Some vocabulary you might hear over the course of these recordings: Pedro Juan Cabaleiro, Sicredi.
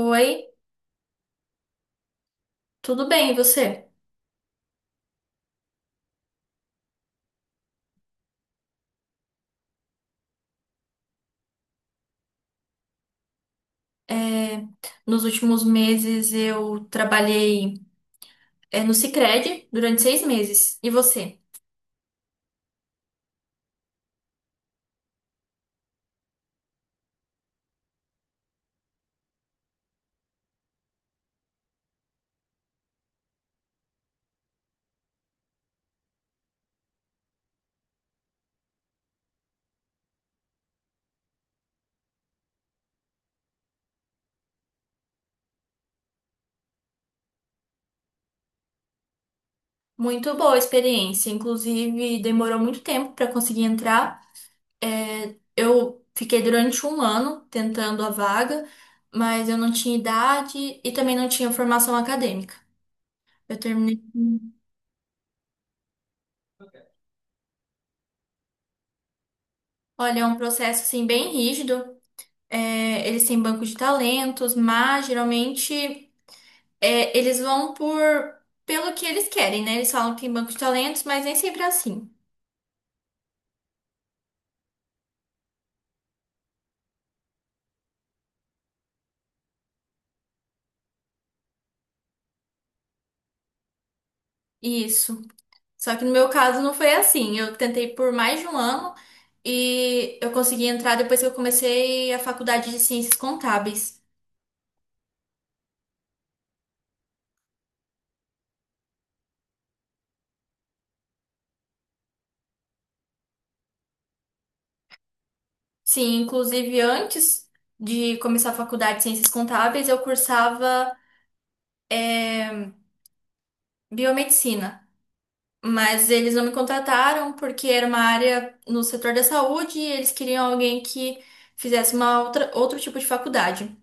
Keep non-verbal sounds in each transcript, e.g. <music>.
Oi, tudo bem, e você? É, Nos últimos meses eu trabalhei, no Sicredi durante 6 meses. E você? Muito boa a experiência, inclusive demorou muito tempo para conseguir entrar. Eu fiquei durante um ano tentando a vaga, mas eu não tinha idade e também não tinha formação acadêmica. Eu terminei. Olha, é um processo assim bem rígido. Eles têm banco de talentos, mas geralmente, eles vão por pelo que eles querem, né? Eles falam que tem banco de talentos, mas nem sempre é assim. Isso. Só que no meu caso não foi assim. Eu tentei por mais de um ano e eu consegui entrar depois que eu comecei a faculdade de Ciências Contábeis. Sim, inclusive antes de começar a faculdade de Ciências Contábeis, eu cursava, é, biomedicina. Mas eles não me contrataram porque era uma área no setor da saúde e eles queriam alguém que fizesse outro tipo de faculdade.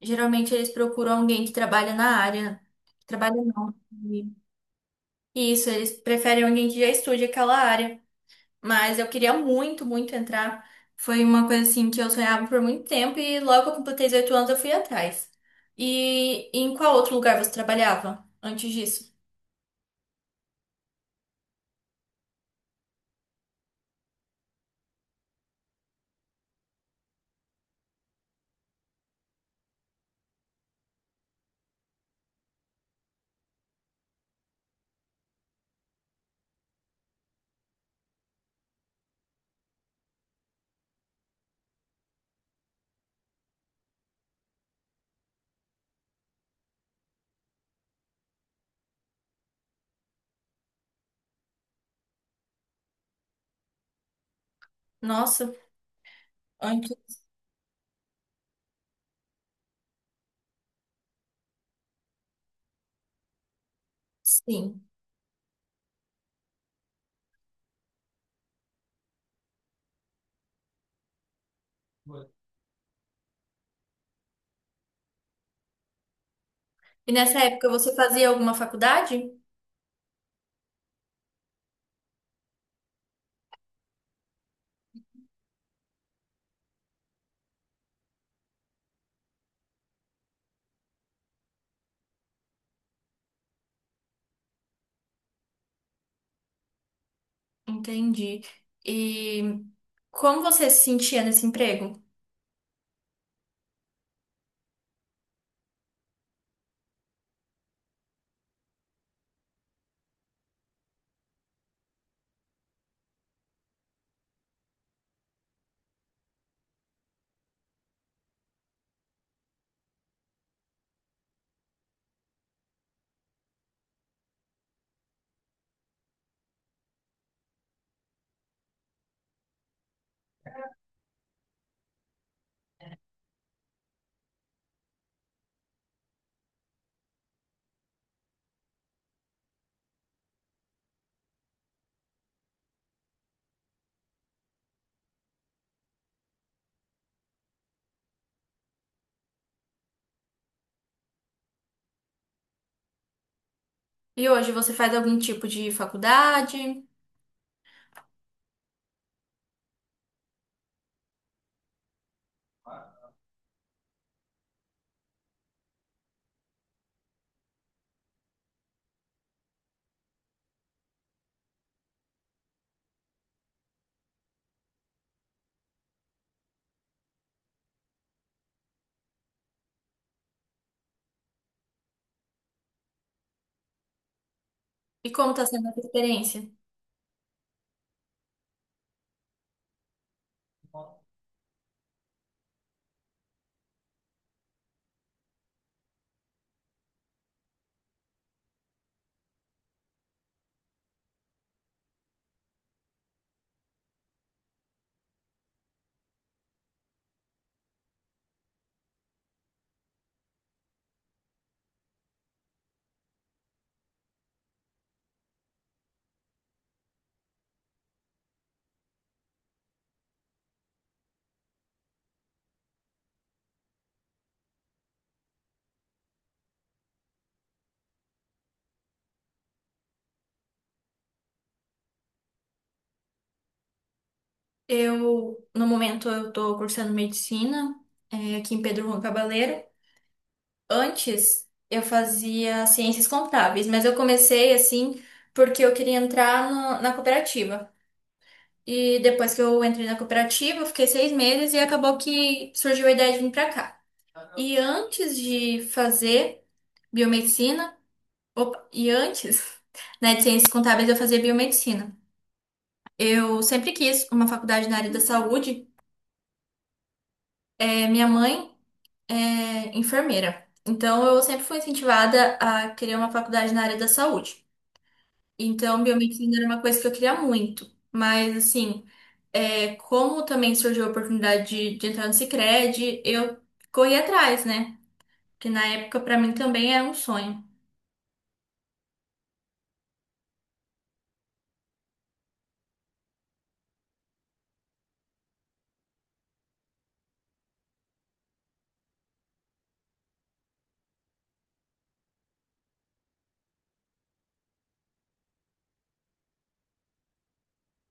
Geralmente eles procuram alguém que trabalha na área. Trabalha não. E isso, eles preferem alguém que já estude aquela área. Mas eu queria muito, muito entrar. Foi uma coisa assim que eu sonhava por muito tempo e logo que eu completei 18 anos eu fui atrás. E em qual outro lugar você trabalhava antes disso? Nossa, antes. Sim. E nessa época você fazia alguma faculdade? Entendi. E como você se sentia nesse emprego? E hoje você faz algum tipo de faculdade? E como está sendo essa experiência? Eu, no momento, eu estou cursando medicina, aqui em Pedro Juan Cabaleiro. Antes, eu fazia ciências contábeis, mas eu comecei assim porque eu queria entrar na cooperativa. E depois que eu entrei na cooperativa, eu fiquei 6 meses e acabou que surgiu a ideia de vir para cá. E antes de fazer biomedicina, opa, e antes, <laughs> né, de ciências contábeis, eu fazia biomedicina. Eu sempre quis uma faculdade na área da saúde. Minha mãe é enfermeira, então eu sempre fui incentivada a querer uma faculdade na área da saúde. Então, biomedicina era uma coisa que eu queria muito. Mas, assim, como também surgiu a oportunidade de entrar no Sicredi, eu corri atrás, né? Que na época, para mim, também era um sonho.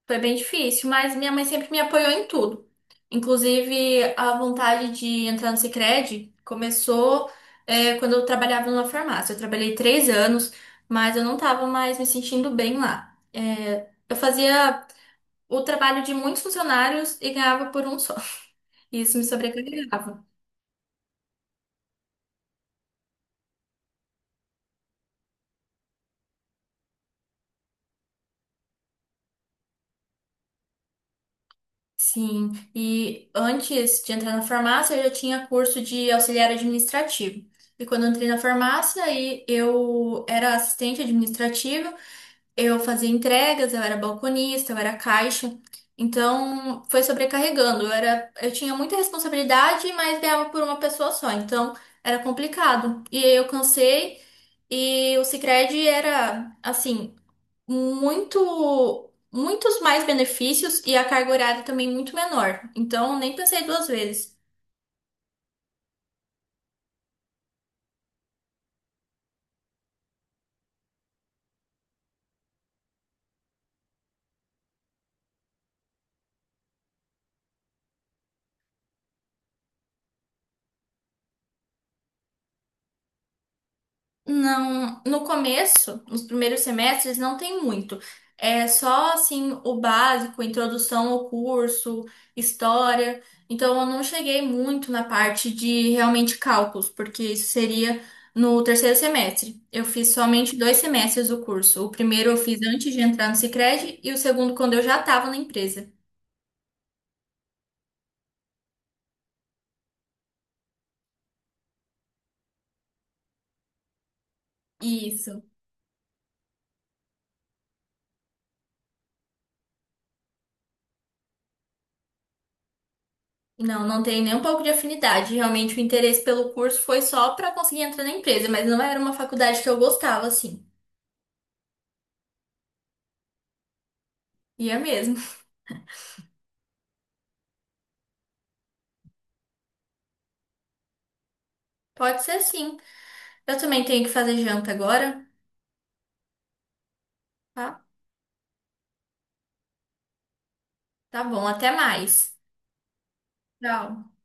Foi bem difícil, mas minha mãe sempre me apoiou em tudo. Inclusive, a vontade de entrar no Sicredi começou, quando eu trabalhava numa farmácia. Eu trabalhei 3 anos, mas eu não estava mais me sentindo bem lá. Eu fazia o trabalho de muitos funcionários e ganhava por um só. <laughs> E isso me sobrecarregava. Sim, e antes de entrar na farmácia, eu já tinha curso de auxiliar administrativo. E quando eu entrei na farmácia, aí eu era assistente administrativa. Eu fazia entregas, eu era balconista, eu era caixa. Então, foi sobrecarregando. Eu tinha muita responsabilidade, mas ganhava por uma pessoa só. Então, era complicado. E aí eu cansei e o Sicredi era assim, muitos mais benefícios e a carga horária também muito menor. Então, nem pensei duas vezes. Não, no começo, nos primeiros semestres, não tem muito. É só assim o básico, introdução ao curso, história. Então eu não cheguei muito na parte de realmente cálculos, porque isso seria no terceiro semestre. Eu fiz somente 2 semestres do curso. O primeiro eu fiz antes de entrar no Sicredi e o segundo quando eu já estava na empresa. Isso. Não, não tem nem um pouco de afinidade. Realmente o interesse pelo curso foi só para conseguir entrar na empresa, mas não era uma faculdade que eu gostava assim. Ia mesmo. Pode ser sim. Eu também tenho que fazer janta agora, tá? Tá bom, até mais. Tchau.